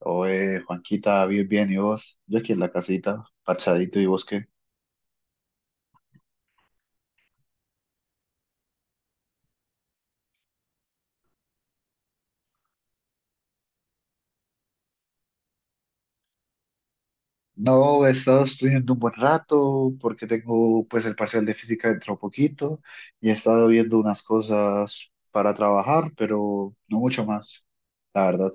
Oye, Juanquita, bien, bien, ¿y vos? Yo aquí en la casita, parchadito, ¿y vos qué? No, he estado estudiando un buen rato porque tengo pues el parcial de física dentro poquito y he estado viendo unas cosas para trabajar, pero no mucho más, la verdad.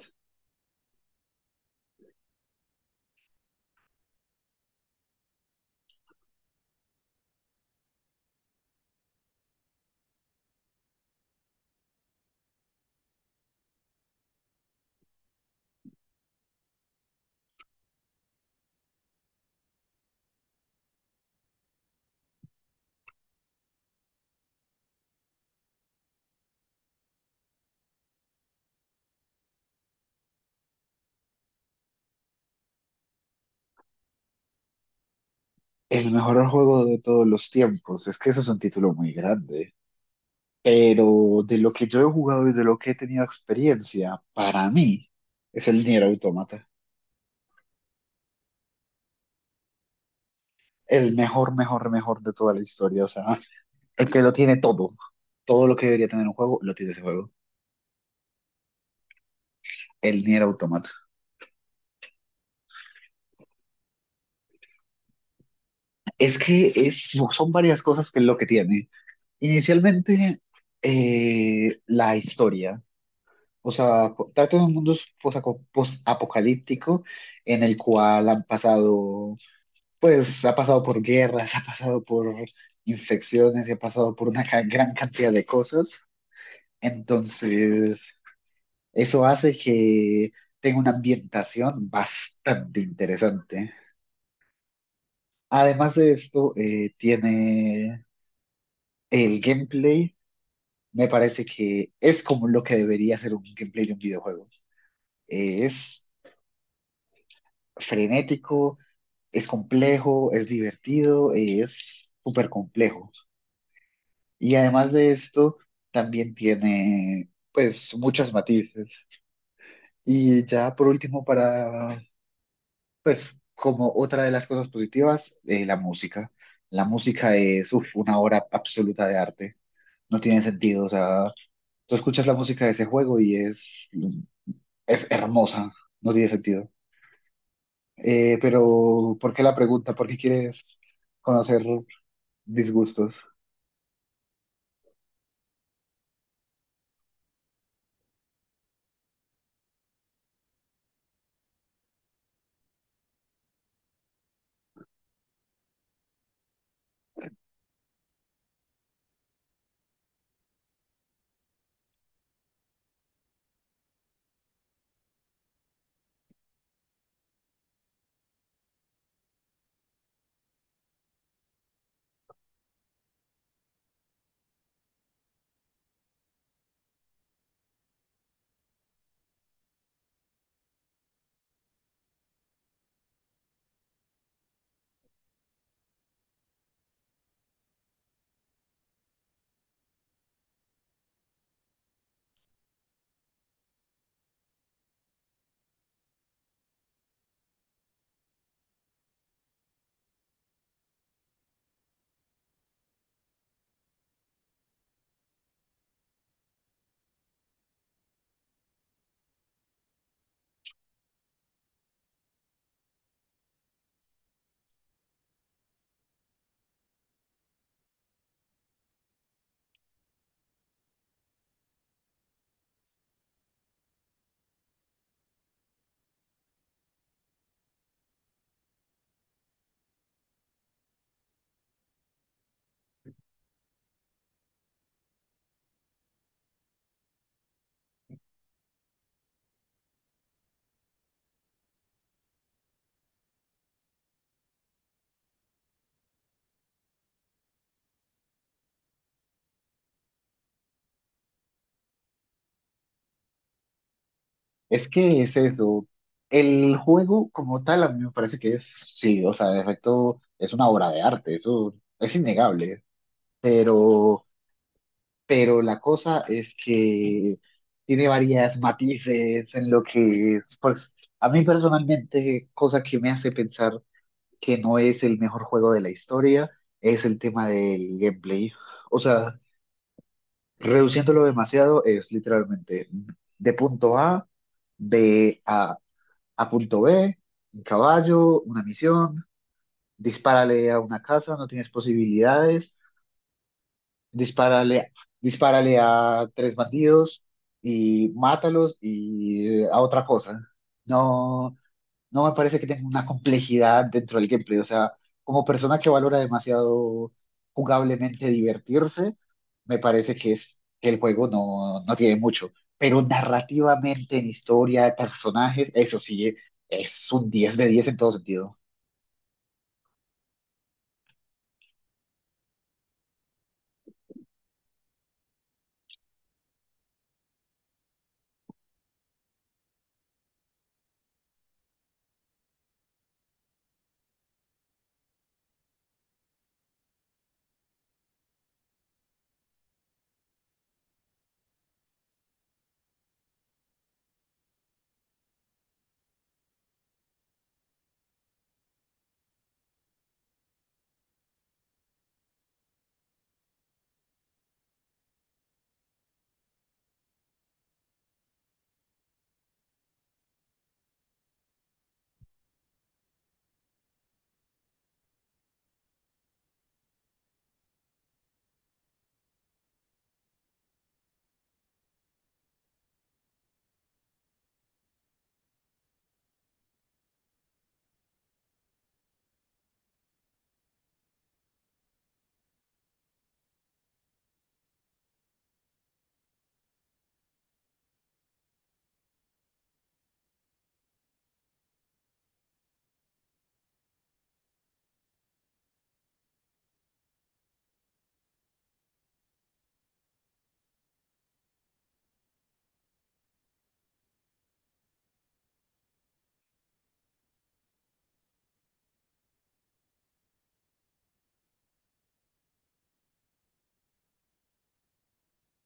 El mejor juego de todos los tiempos, es que eso es un título muy grande, pero de lo que yo he jugado y de lo que he tenido experiencia, para mí es el Nier Automata. El mejor, mejor, mejor de toda la historia, o sea. El que lo tiene todo, todo lo que debería tener un juego, lo tiene ese juego. El Nier Automata. Es que es, son varias cosas que es lo que tiene. Inicialmente, la historia. O sea, trata de un mundo post-apocalíptico en el cual pues, ha pasado por guerras, ha pasado por infecciones, y ha pasado por una gran cantidad de cosas. Entonces, eso hace que tenga una ambientación bastante interesante. Además de esto, tiene el gameplay. Me parece que es como lo que debería ser un gameplay de un videojuego. Es frenético, es complejo, es divertido, es súper complejo. Y además de esto, también tiene pues muchos matices. Y ya por último, para pues como otra de las cosas positivas, la música. La música es uf, una obra absoluta de arte. No tiene sentido, o sea, tú escuchas la música de ese juego y es hermosa, no tiene sentido. Pero, ¿por qué la pregunta? ¿Por qué quieres conocer disgustos? Es que es eso. El juego como tal a mí me parece que es, sí, o sea, de efecto es una obra de arte, eso es innegable. Pero, pero la cosa es que tiene varias matices en lo que es, pues, a mí personalmente, cosa que me hace pensar que no es el mejor juego de la historia, es el tema del gameplay. O sea, reduciéndolo demasiado es literalmente de punto A, B a punto B, un caballo, una misión, dispárale a una casa, no tienes posibilidades, dispárale, dispárale a tres bandidos y mátalos y a otra cosa. No, no me parece que tenga una complejidad dentro del gameplay. O sea, como persona que valora demasiado jugablemente divertirse, me parece que es que el juego no, no tiene mucho. Pero narrativamente, en historia, personajes, eso sí, es un 10 de 10 en todo sentido.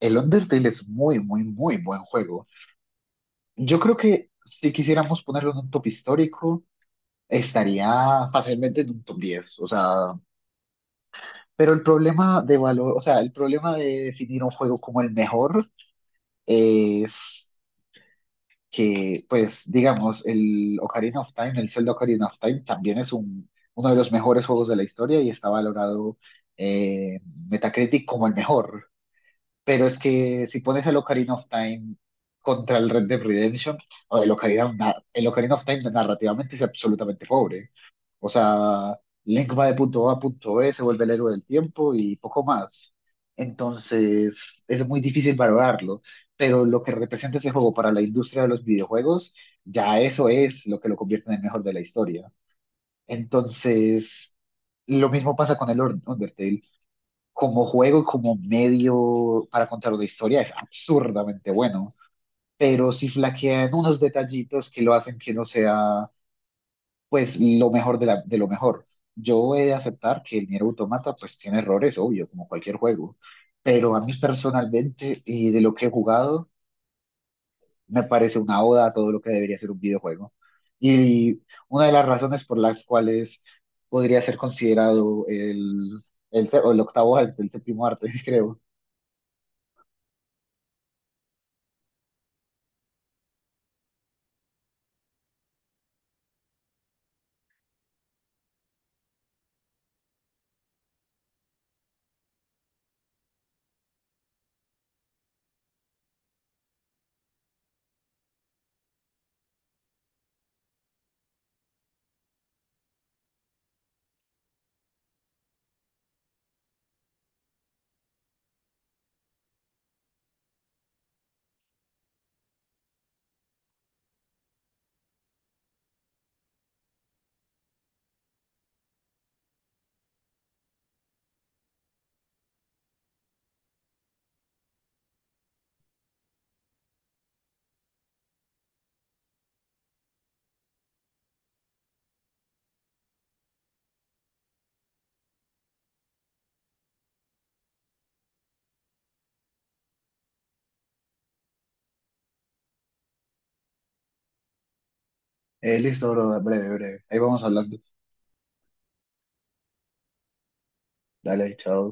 El Undertale es muy, muy, muy buen juego. Yo creo que si quisiéramos ponerlo en un top histórico, estaría fácilmente en un top 10. O sea, pero el problema de valor, o sea, el problema de definir un juego como el mejor es que, pues, digamos, el Ocarina of Time, el Zelda Ocarina of Time, también es uno de los mejores juegos de la historia y está valorado eh, Metacritic como el mejor. Pero es que si pones el Ocarina of Time contra el Red Dead Redemption, o el Ocarina, el Ocarina of Time narrativamente es absolutamente pobre. O sea, Link va de punto A a punto B, se vuelve el héroe del tiempo y poco más. Entonces, es muy difícil valorarlo, pero lo que representa ese juego para la industria de los videojuegos, ya eso es lo que lo convierte en el mejor de la historia. Entonces, lo mismo pasa con el Undertale. Como juego, y como medio para contar una historia, es absurdamente bueno, pero si flaquean unos detallitos que lo hacen que no sea pues lo mejor de lo mejor. Yo he de aceptar que el Nier Automata pues tiene errores, obvio, como cualquier juego, pero a mí personalmente y de lo que he jugado me parece una oda a todo lo que debería ser un videojuego. Y una de las razones por las cuales podría ser considerado o el octavo arte, el séptimo arte, creo. Listo, bro, breve, breve. Ahí vamos hablando. Dale, chao.